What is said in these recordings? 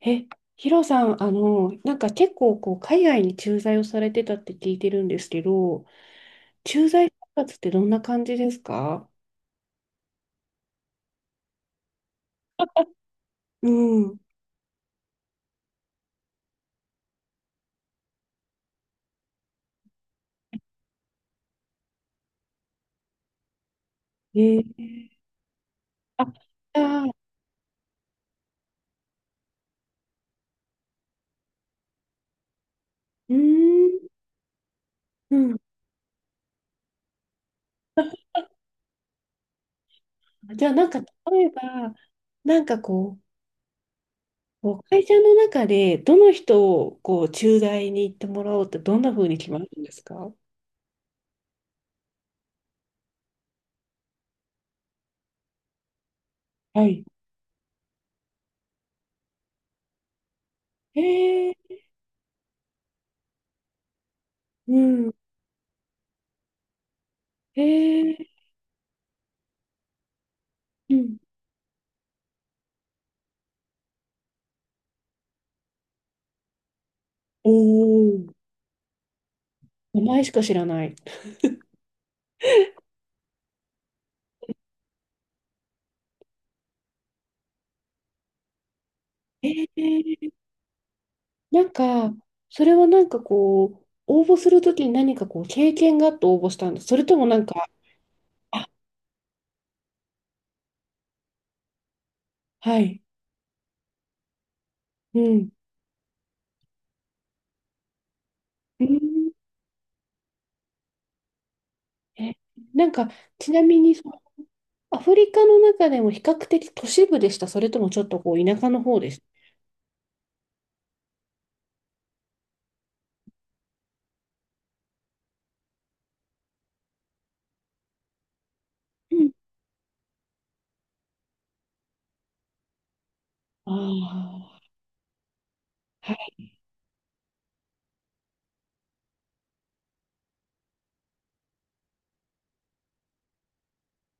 え、ヒロさん、なんか結構こう海外に駐在をされてたって聞いてるんですけど、駐在生活ってどんな感じですか？うん。えー、あ、じゃあ、うーん、うん。じゃあなんか例えば、なんかこう、こう会社の中でどの人をこう駐在に行ってもらおうってどんな風に決まるんですか？はい。えー、うん、えー、うん。おー、名前しか知らない。えーなんか、それはなんかこう、応募するときに何かこう、経験があって応募したんです。それともなんか、あ、はい、うん。うん、え、なんか、ちなみにその、アフリカの中でも比較的都市部でした？それともちょっとこう、田舎の方でした？うん。ああ、はい。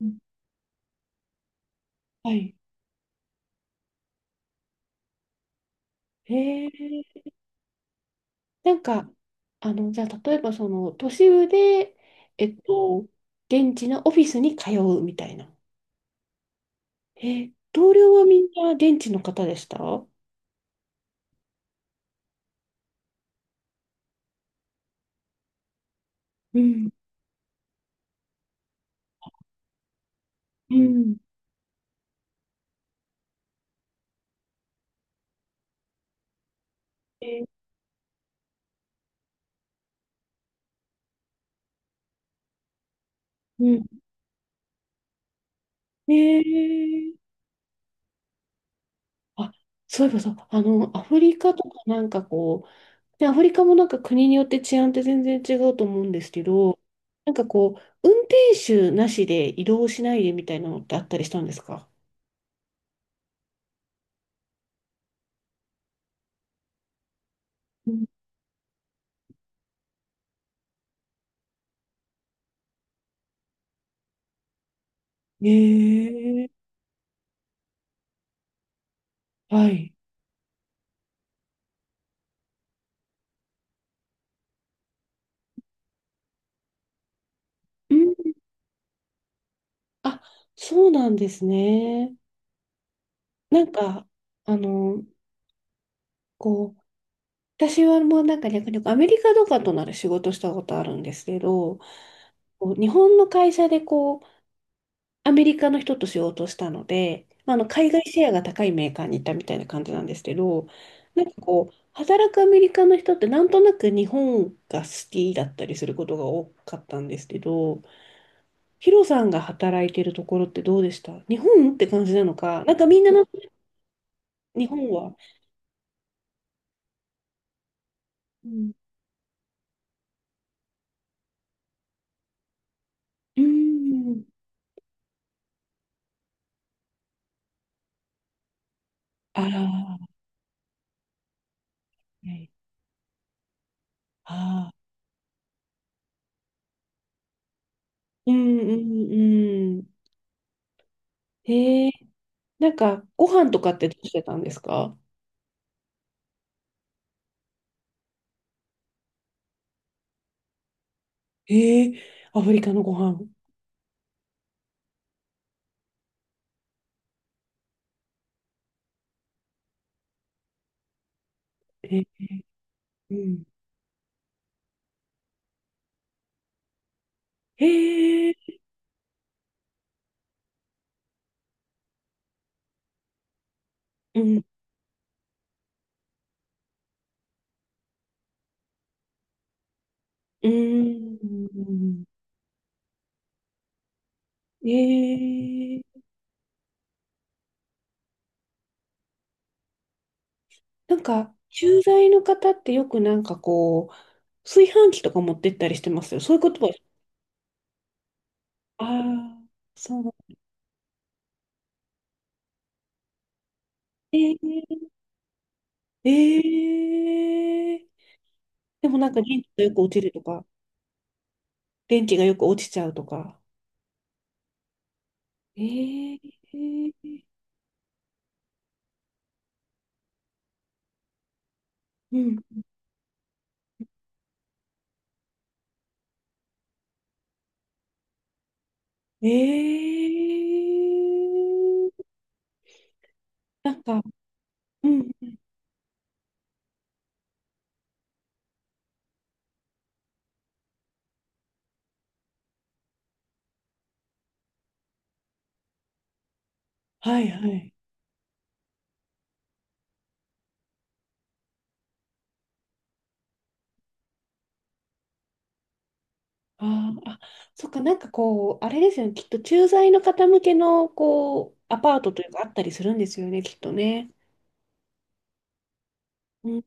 うんはい。へえ、なんか、じゃあ、例えばその、都市部で、えっと、現地のオフィスに通うみたいな。同僚はみんな現地の方でした？うん、うん、えうん、あ、そういえばさ、アフリカとかなんかこう、で、アフリカもなんか国によって治安って全然違うと思うんですけど、なんかこう、運転手なしで移動しないでみたいなのってあったりしたんですか？うんええはい。うん、あ、そうなんですね。なんか、あの、こう、私はもうなんか逆にアメリカとかとなら仕事したことあるんですけど、こう日本の会社でこう、アメリカの人としようとしたので、まあ、あの海外シェアが高いメーカーに行ったみたいな感じなんですけど、なんかこう、働くアメリカの人ってなんとなく日本が好きだったりすることが多かったんですけど、ヒロさんが働いてるところってどうでした、日本って感じなのか、なんかみんななんか日本は、うん、うーん、あら、はいあー、うん、うん、うん。へえ、なんかご飯とかってどうしてたんですか？えー、アフリカのご飯。えー、うん。えー、うん。うん。えー、なんか、駐在の方ってよくなんかこう、炊飯器とか持ってったりしてますよ。そういうことは、ああ、そう。えー、えー、でもなんか電池がよく落ちるとか、電池がよく落ちちゃうとか。えー、うん。えー、なんか、うん。はいはい。あーあ、そっか、なんかこう、あれですよね、きっと駐在の方向けのこうアパートというか、あったりするんですよね、きっとね。うん、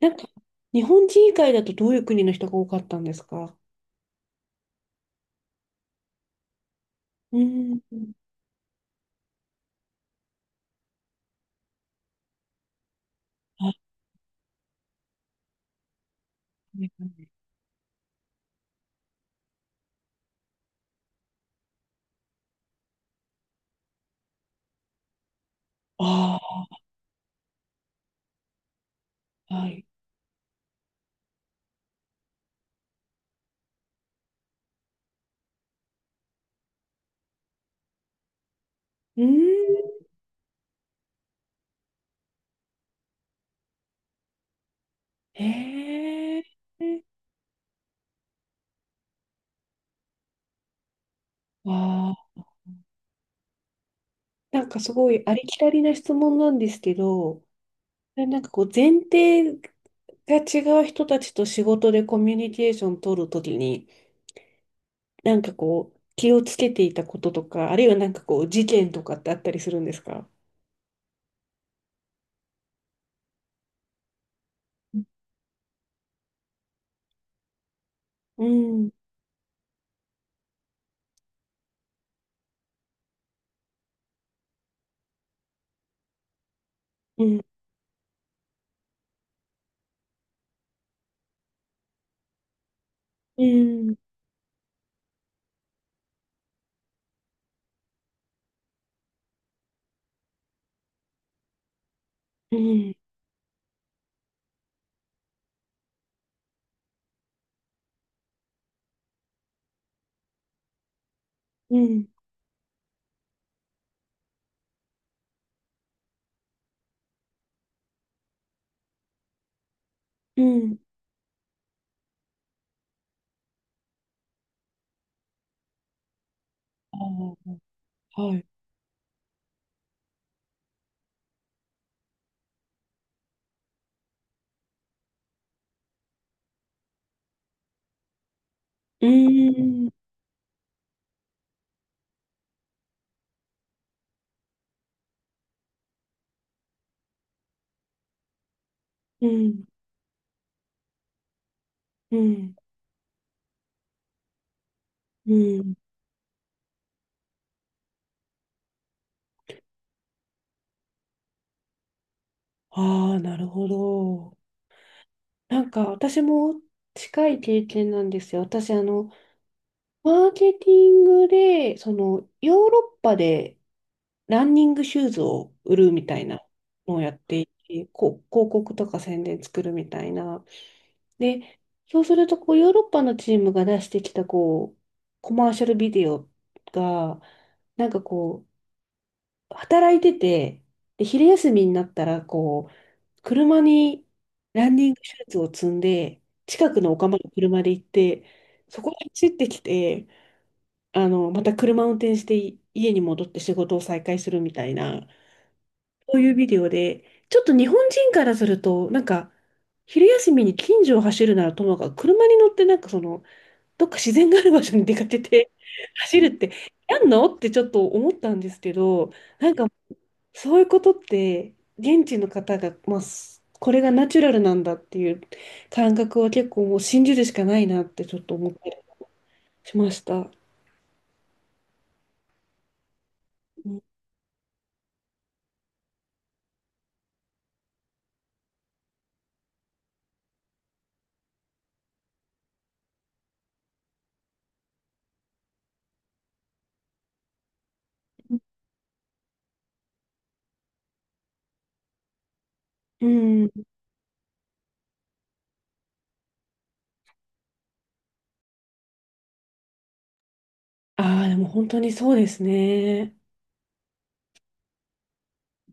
なんか、日本人以外だとどういう国の人が多かったんですか？うん。あ、ああはい。うん。へえ。ああ、なんかすごいありきたりな質問なんですけど、なんかこう、前提が違う人たちと仕事でコミュニケーション取るときに、なんかこう、気をつけていたこととか、あるいはなんかこう、事件とかってあったりするんですか？うん、うん、うん、うん、うん、うん。ああ、はい。うん、うん、うん、うん。ああ、なるほど。なんか私も近い経験なんですよ。私、マーケティングで、その、ヨーロッパでランニングシューズを売るみたいなのをやっていて、こう広告とか宣伝作るみたいな。で、そうするとこうヨーロッパのチームが出してきたこうコマーシャルビデオが、なんかこう、働いてて、で、昼休みになったら、こう、車にランニングシューズを積んで、近くのお釜の車で行って、そこに走ってきて、また車運転して家に戻って仕事を再開するみたいな。こういうビデオで、ちょっと日本人からすると、なんか、昼休みに近所を走るならともかく、車に乗ってなんかその、どっか自然がある場所に出かけて 走るって、やんのってちょっと思ったんですけど、なんか、そういうことって、現地の方が、まあ、これがナチュラルなんだっていう感覚は結構もう信じるしかないなってちょっと思ってしました。うん。うん。ああ、でも本当にそうですね。